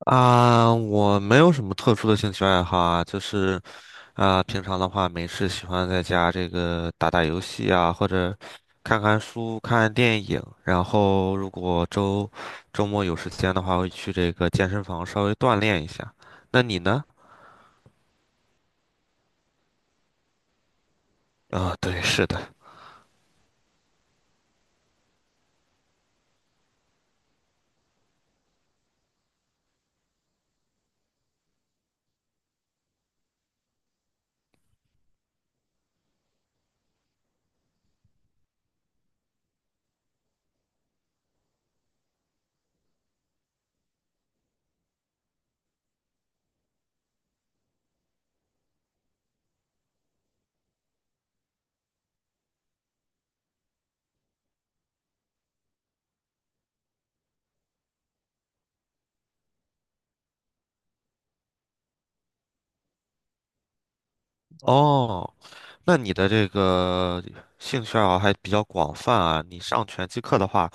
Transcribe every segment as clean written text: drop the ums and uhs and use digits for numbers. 啊，我没有什么特殊的兴趣爱好啊，就是啊，平常的话没事喜欢在家这个打打游戏啊，或者看看书、看看电影。然后如果周末有时间的话，会去这个健身房稍微锻炼一下。那你呢？啊，对，是的。哦，那你的这个兴趣爱好还比较广泛啊。你上拳击课的话，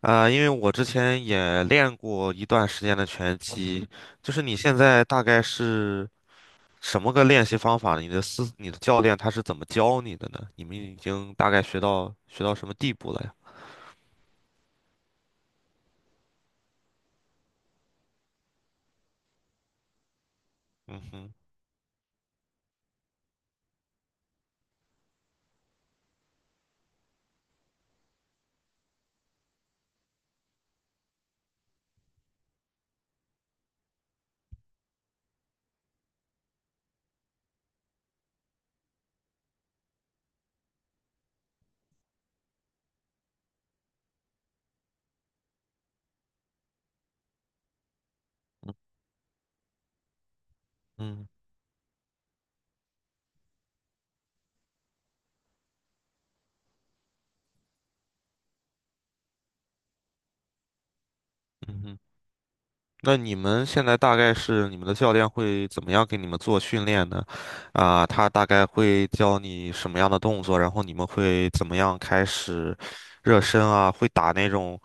啊、因为我之前也练过一段时间的拳击，就是你现在大概是什么个练习方法呢？你的教练他是怎么教你的呢？你们已经大概学到什么地步了呀？嗯哼，嗯嗯嗯哼，那你们现在大概是你们的教练会怎么样给你们做训练呢？啊、他大概会教你什么样的动作，然后你们会怎么样开始热身啊？会打那种。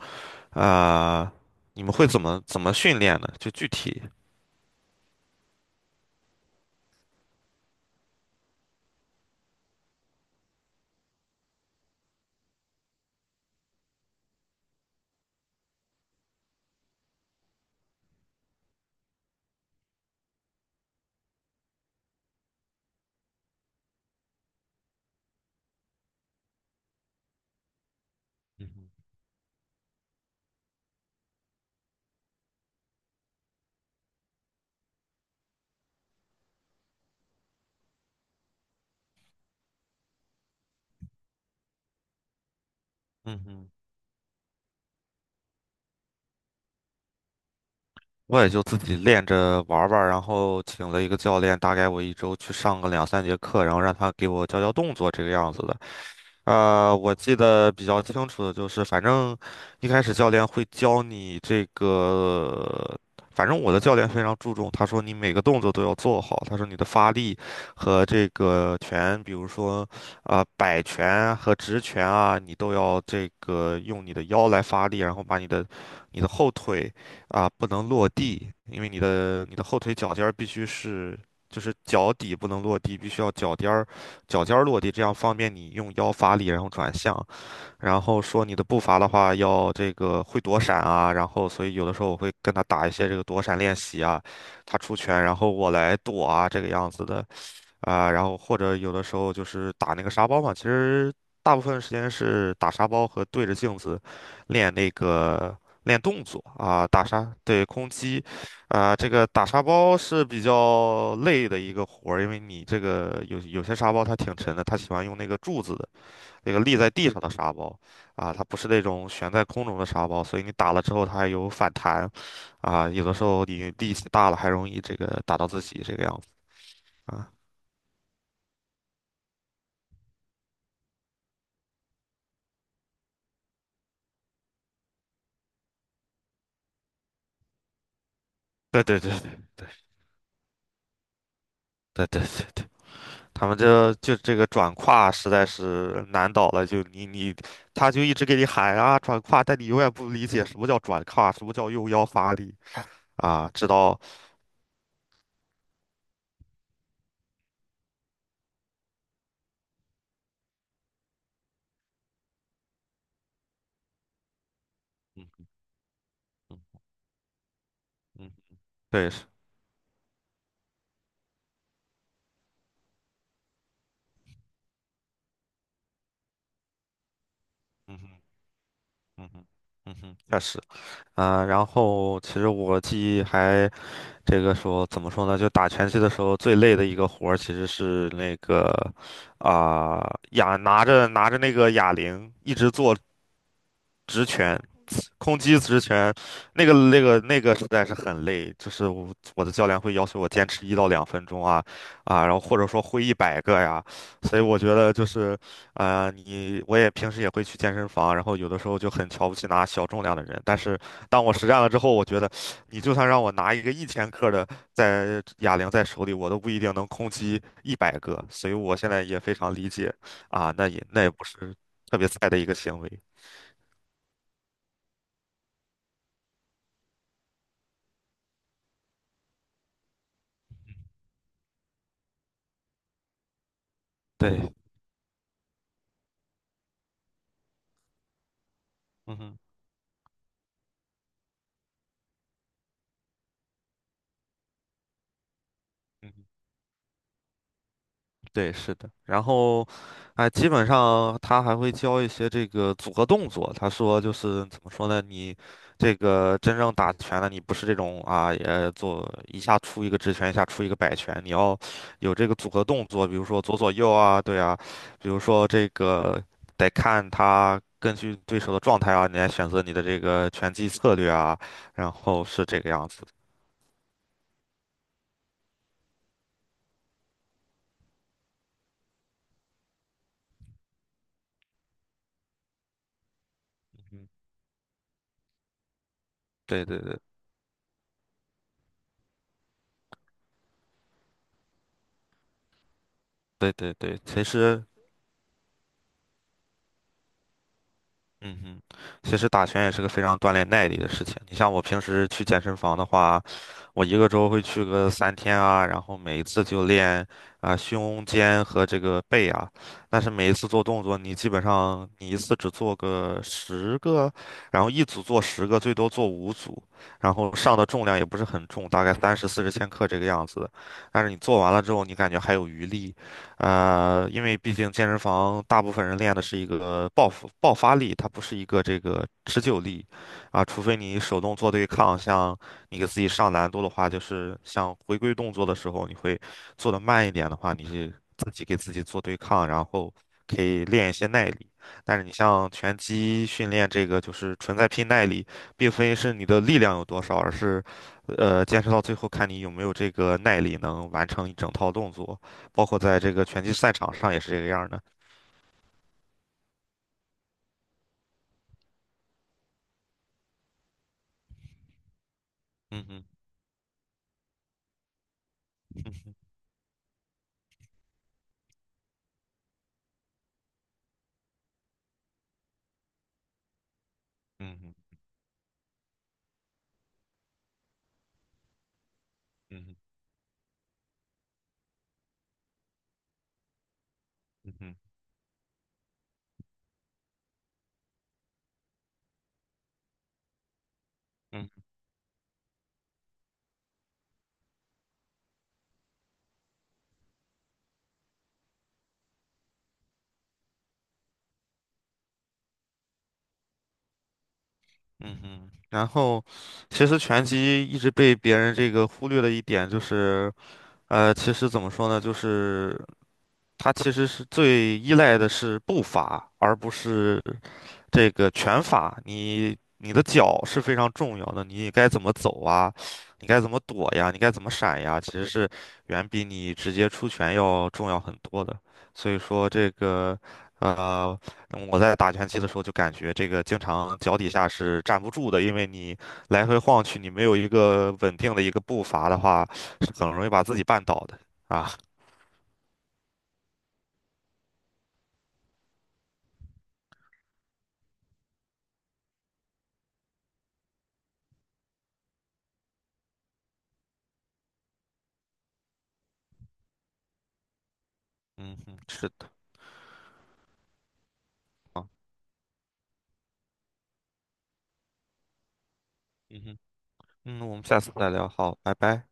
啊、你们会怎么训练呢？就具体，嗯哼，嗯哼。我也就自己练着玩儿玩儿然后请了一个教练，大概我一周去上个2、3节课，然后让他给我教教动作这个样子的。我记得比较清楚的就是，反正一开始教练会教你这个，反正我的教练非常注重，他说你每个动作都要做好，他说你的发力和这个拳，比如说啊、摆拳和直拳啊，你都要这个用你的腰来发力，然后把你的后腿啊、不能落地，因为你的后腿脚尖儿必须是。就是脚底不能落地，必须要脚尖儿落地，这样方便你用腰发力，然后转向。然后说你的步伐的话，要这个会躲闪啊。然后，所以有的时候我会跟他打一些这个躲闪练习啊，他出拳，然后我来躲啊，这个样子的。啊、然后或者有的时候就是打那个沙包嘛，其实大部分时间是打沙包和对着镜子练那个练动作啊、打沙，对，空击，啊、这个打沙包是比较累的一个活儿，因为你这个有些沙包它挺沉的，它喜欢用那个柱子的那个立在地上的沙包啊、它不是那种悬在空中的沙包，所以你打了之后它还有反弹啊、有的时候你力气大了还容易这个打到自己这个样子啊，对对对对对。对对，他们这就这个转胯实在是难倒了，就他就一直给你喊啊转胯，但你永远不理解什么叫转胯，什么叫用腰发力啊，知道，嗯嗯嗯，对，是嗯哼嗯哼嗯哼，确实啊，然后其实我记忆还这个说怎么说呢，就打拳击的时候最累的一个活儿其实是那个啊拿着拿着那个哑铃一直做直拳。空击之前，那个那个实在是很累，就是我的教练会要求我坚持1到2分钟啊啊，然后或者说挥一百个呀，所以我觉得就是你我也平时也会去健身房，然后有的时候就很瞧不起拿小重量的人，但是当我实战了之后，我觉得你就算让我拿一个1千克的在哑铃在手里，我都不一定能空击一百个，所以我现在也非常理解啊，那也不是特别菜的一个行为，对，嗯哼。嗯哼对，是的。然后，哎，基本上他还会教一些这个组合动作。他说就是怎么说呢？你这个真正打拳的，你不是这种啊，也做一下出一个直拳，一下出一个摆拳，你要有这个组合动作，比如说左左右啊，对啊，比如说这个得看他根据对手的状态啊，你来选择你的这个拳击策略啊，然后是这个样子的。嗯，对对对对对对，其实。嗯哼，其实打拳也是个非常锻炼耐力的事情。你像我平时去健身房的话，我一个周会去个3天啊，然后每一次就练啊、胸肩和这个背啊。但是每一次做动作，你基本上你一次只做个十个，然后一组做十个，最多做5组，然后上的重量也不是很重，大概30、40千克这个样子。但是你做完了之后，你感觉还有余力，因为毕竟健身房大部分人练的是一个爆发力，它不是一个这个持久力啊，除非你手动做对抗，像你给自己上难度的话，就是像回归动作的时候，你会做的慢一点的话，你是自己给自己做对抗，然后可以练一些耐力。但是你像拳击训练这个，就是纯在拼耐力，并非是你的力量有多少，而是，坚持到最后看你有没有这个耐力能完成一整套动作。包括在这个拳击赛场上也是这个样儿的。嗯哼，嗯哼，嗯哼，嗯哼，嗯哼，嗯哼。嗯哼然后，其实拳击一直被别人这个忽略的一点就是，其实怎么说呢，就是它其实是最依赖的是步伐，而不是这个拳法，你的脚是非常重要的，你该怎么走啊，你该怎么躲呀，你该怎么闪呀，其实是远比你直接出拳要重要很多的。所以说这个，呃，我在打拳击的时候就感觉这个经常脚底下是站不住的，因为你来回晃去，你没有一个稳定的一个步伐的话，是很容易把自己绊倒的啊。嗯哼，是的，啊，嗯哼，嗯，我们下次再聊，好，拜拜。